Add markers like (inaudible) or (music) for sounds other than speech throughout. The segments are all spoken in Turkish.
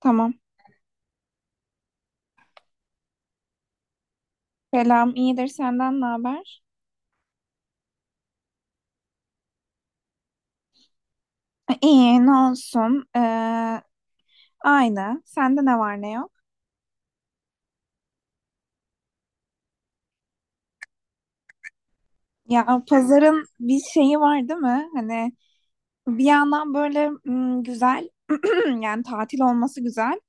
Tamam. Selam, iyidir. Senden ne haber? E, İyi, ne olsun. Aynı. Sende ne var ne yok? Ya pazarın bir şeyi var değil mi? Hani bir yandan böyle güzel, (clears throat) yani tatil olması güzel.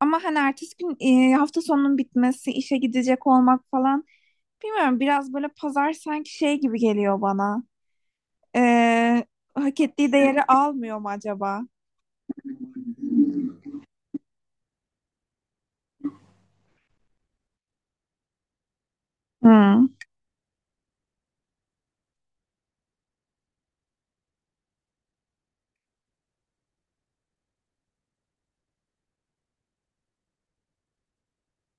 Ama hani ertesi gün hafta sonunun bitmesi, işe gidecek olmak falan. Bilmiyorum, biraz böyle pazar sanki şey gibi geliyor bana. Ee, Hak ettiği değeri almıyor mu acaba? Hmm.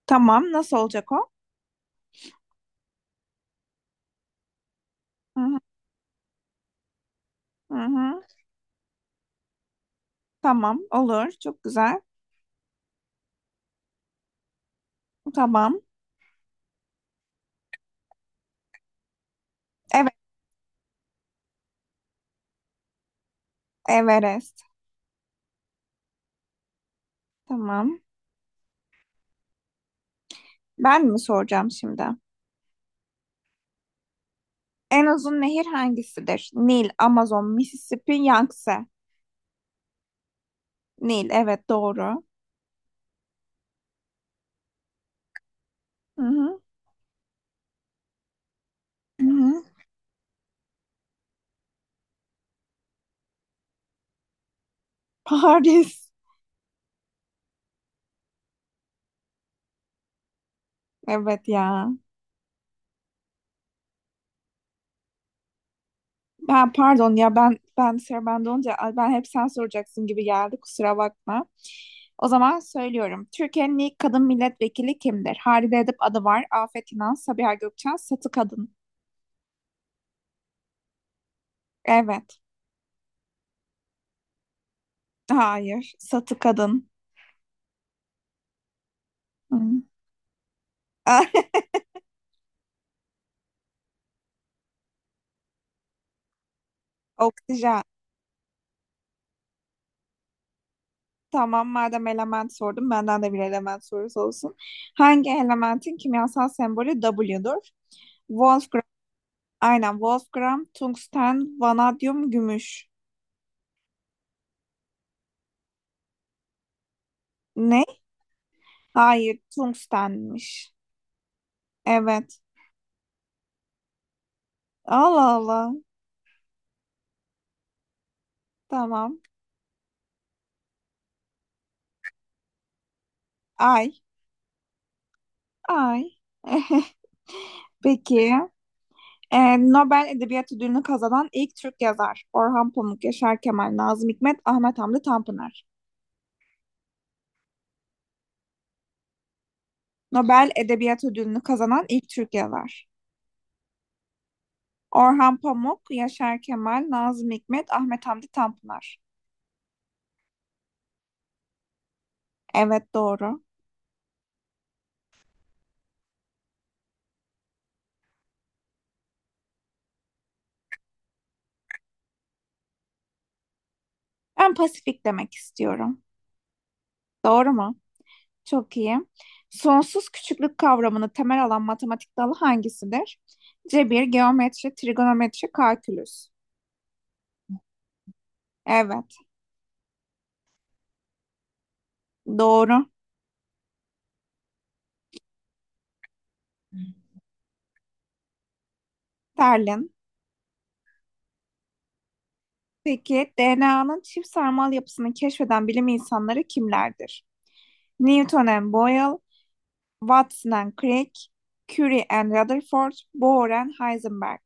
Tamam, nasıl olacak o? Hı hı. Hı hı. Tamam, olur. Çok güzel. Tamam. Evet, Everest. Tamam. Ben mi soracağım şimdi? En uzun nehir hangisidir? Nil, Amazon, Mississippi, Yangtze. Nil, evet doğru. Hı hı. Hı hı. Paris. Evet ya. Ben pardon ya, ben sıra bende olunca ay, ben hep sen soracaksın gibi geldi. Kusura bakma. O zaman söylüyorum. Türkiye'nin ilk kadın milletvekili kimdir? Halide Edip Adıvar, Afet İnan, Sabiha Gökçen, Satı Kadın. Evet. Hayır. Satı kadın. Hı. (laughs) Oksijen. Tamam, madem element sordum, benden de bir element sorusu olsun. Hangi elementin kimyasal sembolü W'dur? Wolfgram. Aynen, Wolfgram, tungsten, vanadyum, gümüş. Ne? Hayır, tungstenmiş. Evet. Allah Allah. Tamam. Ay. Ay. (laughs) Peki. Nobel Edebiyat Ödülünü kazanan ilk Türk yazar. Orhan Pamuk, Yaşar Kemal, Nazım Hikmet, Ahmet Hamdi Tanpınar. Nobel Edebiyat Ödülünü kazanan ilk Türkiye var. Orhan Pamuk, Yaşar Kemal, Nazım Hikmet, Ahmet Hamdi Tanpınar. Evet, doğru. Ben Pasifik demek istiyorum. Doğru mu? Çok iyi. Sonsuz küçüklük kavramını temel alan matematik dalı hangisidir? Cebir, geometri, trigonometri, kalkülüs. Evet, doğru. Terlin. Peki, DNA'nın çift sarmal yapısını keşfeden bilim insanları kimlerdir? Newton and Boyle, Watson and Crick, Curie and Rutherford, Bohr and Heisenberg.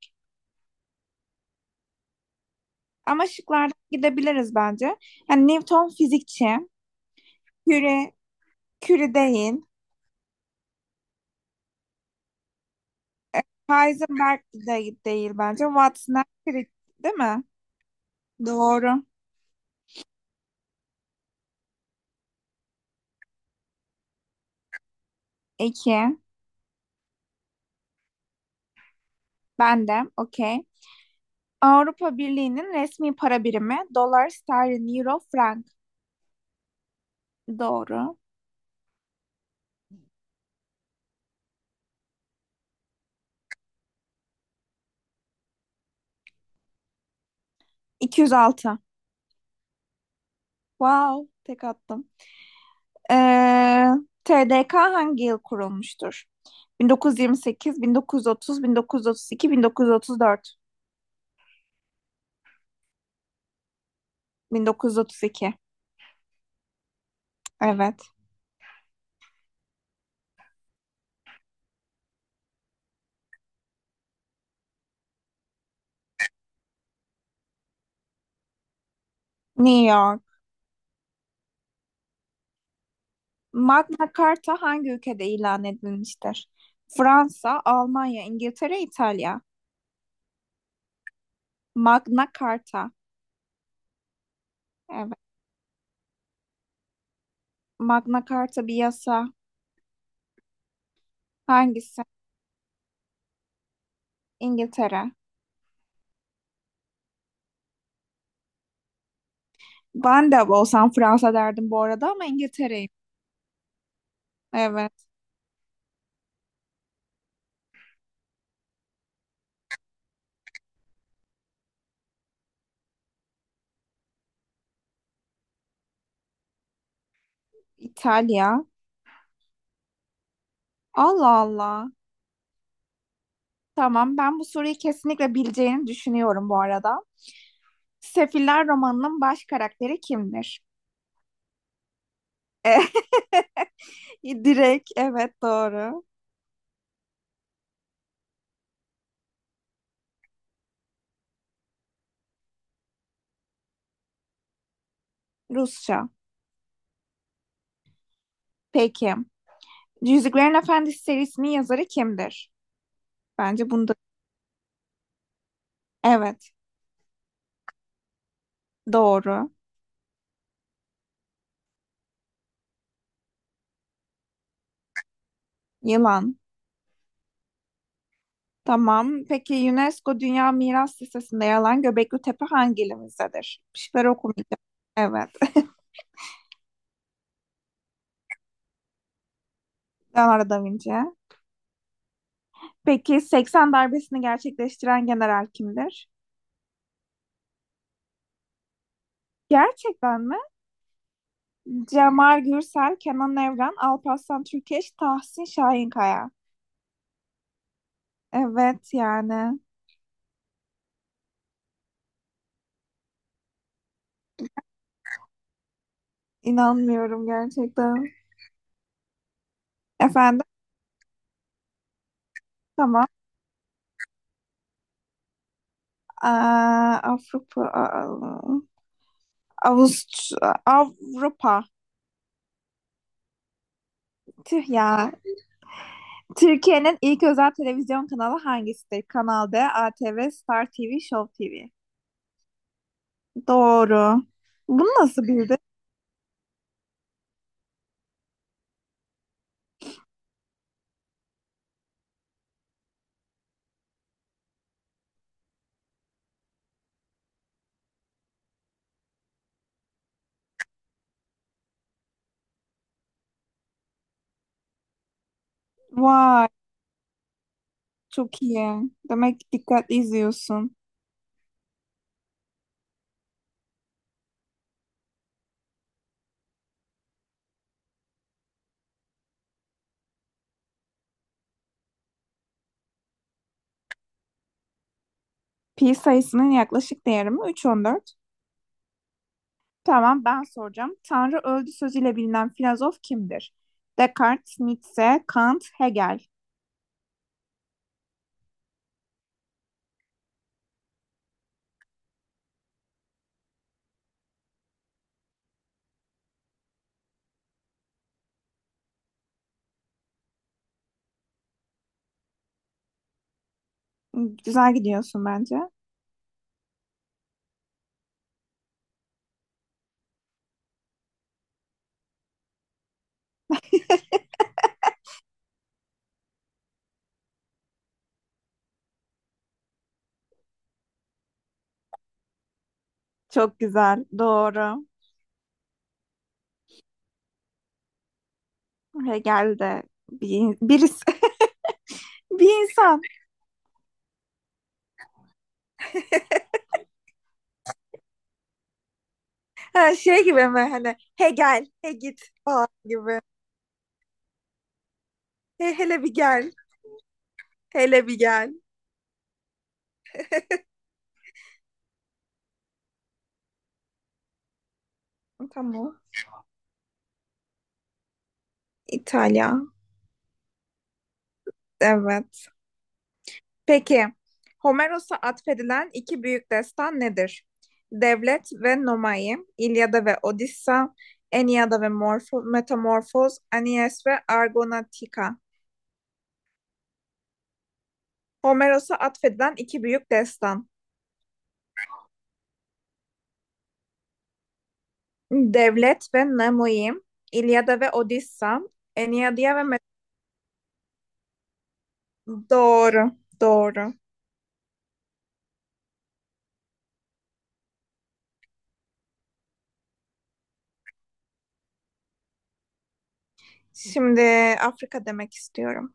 Ama şıklardan gidebiliriz bence. Yani Newton fizikçi, Curie, Curie değil, e, Heisenberg de değil bence. Watson and Crick değil mi? Doğru. İki. Ben de. Okey. Avrupa Birliği'nin resmi para birimi dolar, sterlin, euro, frank. Doğru. 206. Wow. Tek attım. Ee, TDK hangi yıl kurulmuştur? 1928, 1930, 1932, 1934, 1932. Evet. New York. Magna Carta hangi ülkede ilan edilmiştir? Fransa, Almanya, İngiltere, İtalya. Magna Carta. Evet. Magna Carta bir yasa. Hangisi? İngiltere. Ben de olsam Fransa derdim bu arada, ama İngiltere'yim. Evet. İtalya. Allah Allah. Tamam, ben bu soruyu kesinlikle bileceğini düşünüyorum bu arada. Sefiller romanının baş karakteri kimdir? Eh, (laughs) direkt, evet doğru. Rusça. Peki. Yüzüklerin Efendisi serisinin yazarı kimdir? Bence bunda. Evet, doğru. Yılan. Tamam. Peki, UNESCO Dünya Miras Listesi'nde yer alan Göbekli Tepe hangi ilimizdedir? Şıkları okumayacağım. Evet. (laughs) Leonardo da Vinci. Peki, 80 darbesini gerçekleştiren general kimdir? Gerçekten mi? Cemal Gürsel, Kenan Evren, Alparslan Türkeş, Tahsin Şahinkaya. Evet yani. İnanmıyorum gerçekten. Efendim. Tamam. Aa, Avrupa, Avust- Avrupa. Tüh ya. Türkiye'nin ilk özel televizyon kanalı hangisidir? Kanal D, ATV, Star TV, Show TV. Doğru. Bunu nasıl bildin? Vay, çok iyi. Demek ki dikkatli izliyorsun. Pi sayısının yaklaşık değeri mi? 3,14. Tamam, ben soracağım. Tanrı öldü sözüyle bilinen filozof kimdir? Descartes, Nietzsche, Kant, Hegel. Güzel gidiyorsun bence. Çok güzel. Doğru. Hegel de bir, birisi, (laughs) bir insan. (laughs) Ha, şey gibi mi hani, he gel git falan gibi. He, hele bir gel, hele bir gel. Tamam. İtalya. Evet. Peki, Homeros'a atfedilen iki büyük destan nedir? Devlet ve Nomai, İlyada ve Odissa, Eniyada ve Metamorfoz, Anies ve Argonatika. Homeros'a atfedilen iki büyük destan. Devlet ve Nomai, İlyada ve Odissa, Eniyada ve Met. Doğru, doğru. Şimdi Afrika demek istiyorum.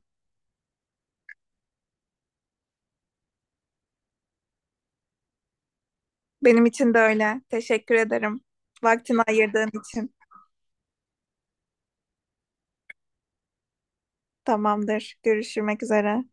Benim için de öyle. Teşekkür ederim. Vaktini ayırdığın için. Tamamdır. Görüşmek üzere.